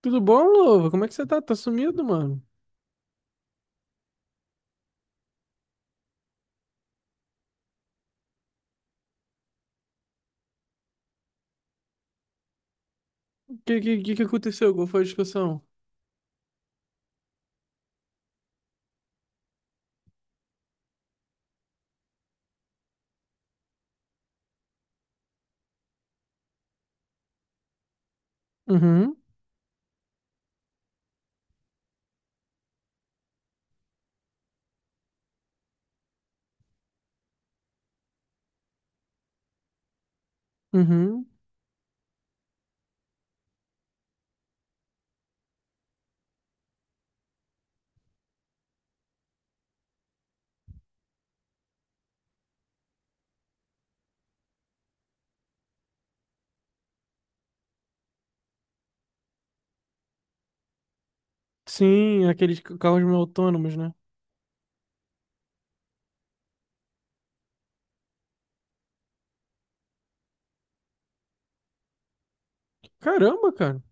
Tudo bom, Louva? Como é que você tá? Tá sumido, mano? O que que aconteceu? Qual foi a discussão? Uhum, uhum. Sim, carros meio autônomos, né? Caramba, cara.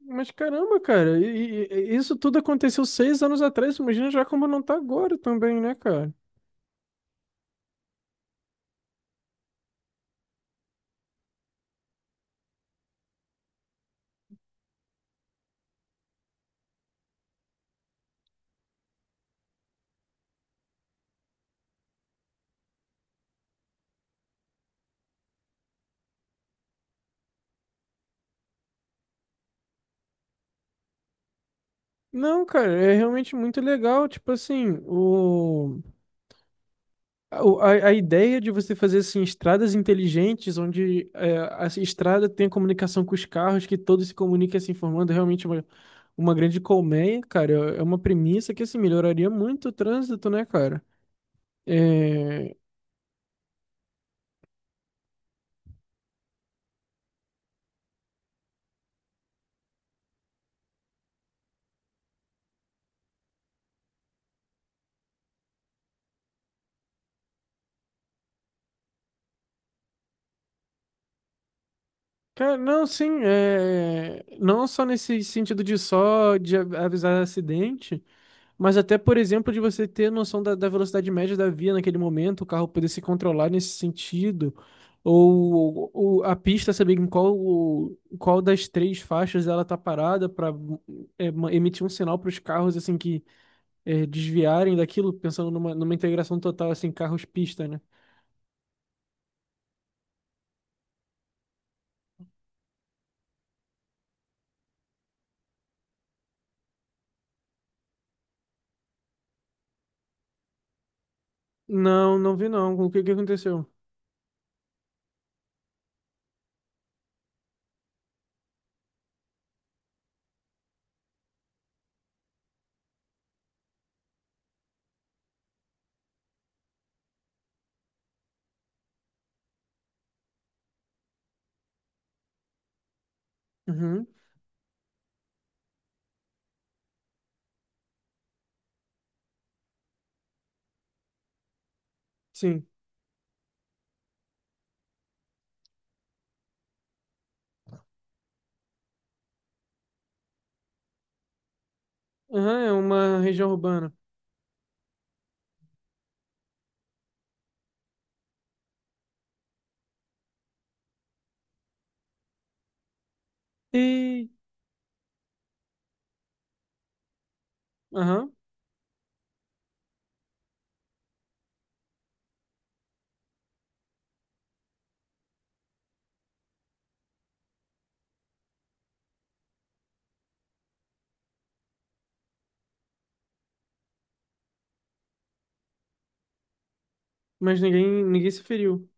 Mas caramba, cara. E isso tudo aconteceu 6 anos atrás. Imagina já como não tá agora também, né, cara? Não, cara, é realmente muito legal. Tipo assim, o. A ideia de você fazer assim, estradas inteligentes, onde a estrada tem a comunicação com os carros, que todos se comuniquem se informando, é realmente uma grande colmeia, cara. É é uma premissa que assim, melhoraria muito o trânsito, né, cara? É, cara, não, sim, não só nesse sentido de só de avisar acidente. Mas até, por exemplo, de você ter noção da velocidade média da via naquele momento, o carro poder se controlar nesse sentido, ou a pista saber em qual das 3 faixas ela tá parada para emitir um sinal para os carros assim que desviarem daquilo, pensando numa integração total assim carros-pista, né? Não, não vi não. O que que aconteceu? Uhum, sim. Aham, é uma região urbana. E, aham, mas ninguém se feriu.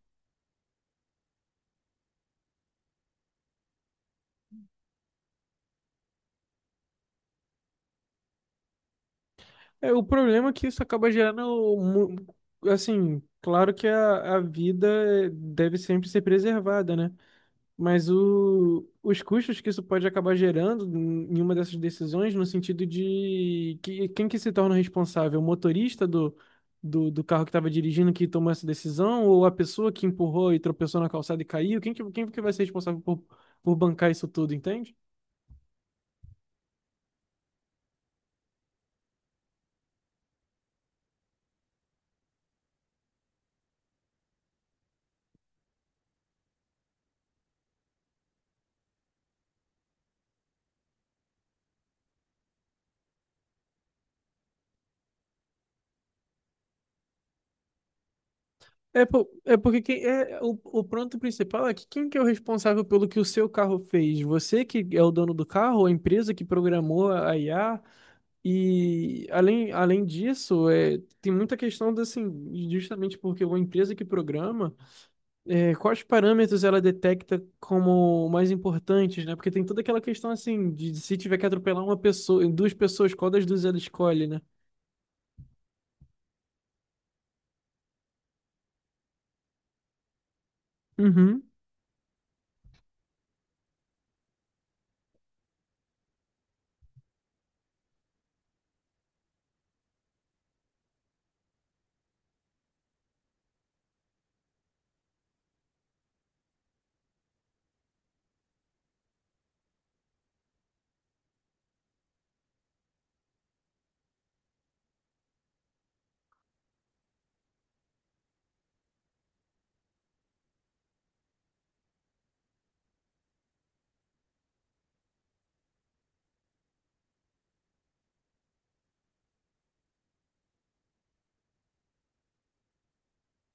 É, o problema é que isso acaba gerando, mu- assim, claro que a vida deve sempre ser preservada, né? Mas os custos que isso pode acabar gerando em uma dessas decisões, no sentido de que, quem que se torna responsável? O motorista do carro que estava dirigindo que tomou essa decisão? Ou a pessoa que empurrou e tropeçou na calçada e caiu? Quem que vai ser responsável por bancar isso tudo, entende? É porque quem, o ponto principal é que quem que é o responsável pelo que o seu carro fez? Você que é o dono do carro, a empresa que programou a IA? E além disso, é, tem muita questão de, assim, justamente porque uma empresa que programa, é, quais parâmetros ela detecta como mais importantes, né? Porque tem toda aquela questão assim de se tiver que atropelar uma pessoa, duas pessoas, qual das duas ela escolhe, né? Uhum.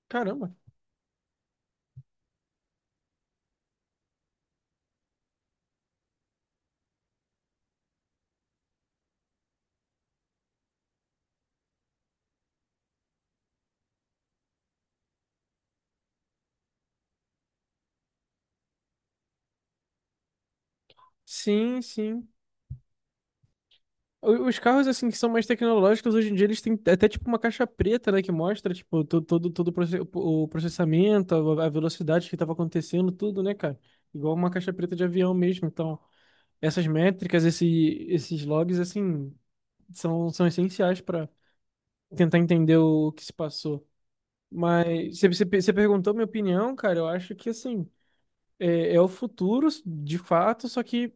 Caramba. Sim, sim. O- Os carros assim que são mais tecnológicos hoje em dia eles têm até tipo uma caixa preta, né, que mostra tipo todo o processamento, a velocidade que estava acontecendo, tudo, né, cara? Igual uma caixa preta de avião mesmo. Então, essas métricas, esses logs assim são essenciais tentar entender o que se passou. Mas você perguntou minha opinião, cara. Eu acho que assim é o futuro, de fato. Só que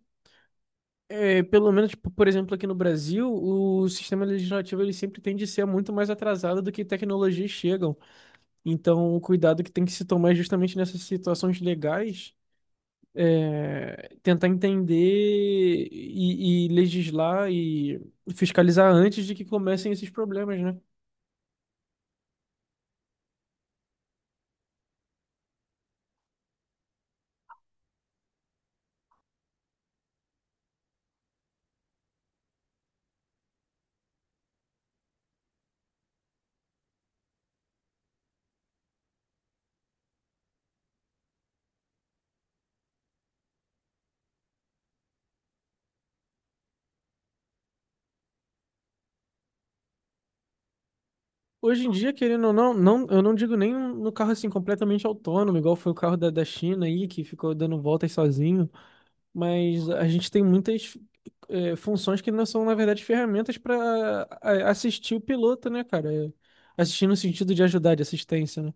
é, pelo menos, tipo, por exemplo, aqui no Brasil, o sistema legislativo ele sempre tende a ser muito mais atrasado do que tecnologias chegam. Então, o cuidado que tem que se tomar é justamente nessas situações legais. É, tentar entender e legislar e fiscalizar antes de que comecem esses problemas, né? Hoje em dia, querendo ou não, não, eu não digo nem no carro assim completamente autônomo, igual foi o carro da China aí, que ficou dando voltas sozinho, mas a gente tem muitas funções que não são, na verdade, ferramentas para assistir o piloto, né, cara? É, assistir no sentido de ajudar, de assistência, né?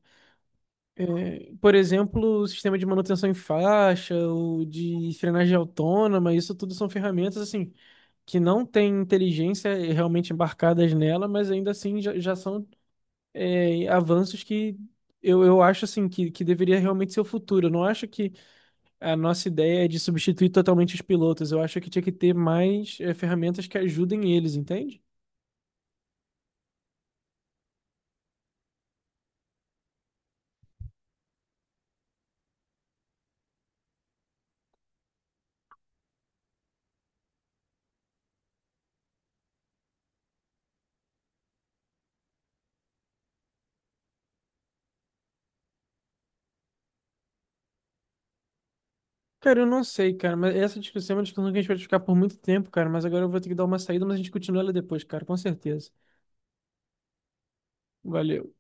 Por exemplo, o sistema de manutenção em faixa, o de frenagem autônoma, isso tudo são ferramentas, assim, que não têm inteligência realmente embarcadas nela, mas ainda assim já são é, avanços que eu acho assim que deveria realmente ser o futuro. Eu não acho que a nossa ideia é de substituir totalmente os pilotos. Eu acho que tinha que ter mais é, ferramentas que ajudem eles, entende? Cara, eu não sei, cara, mas essa discussão é uma discussão que a gente vai ficar por muito tempo, cara, mas agora eu vou ter que dar uma saída, mas a gente continua ela depois, cara, com certeza. Valeu.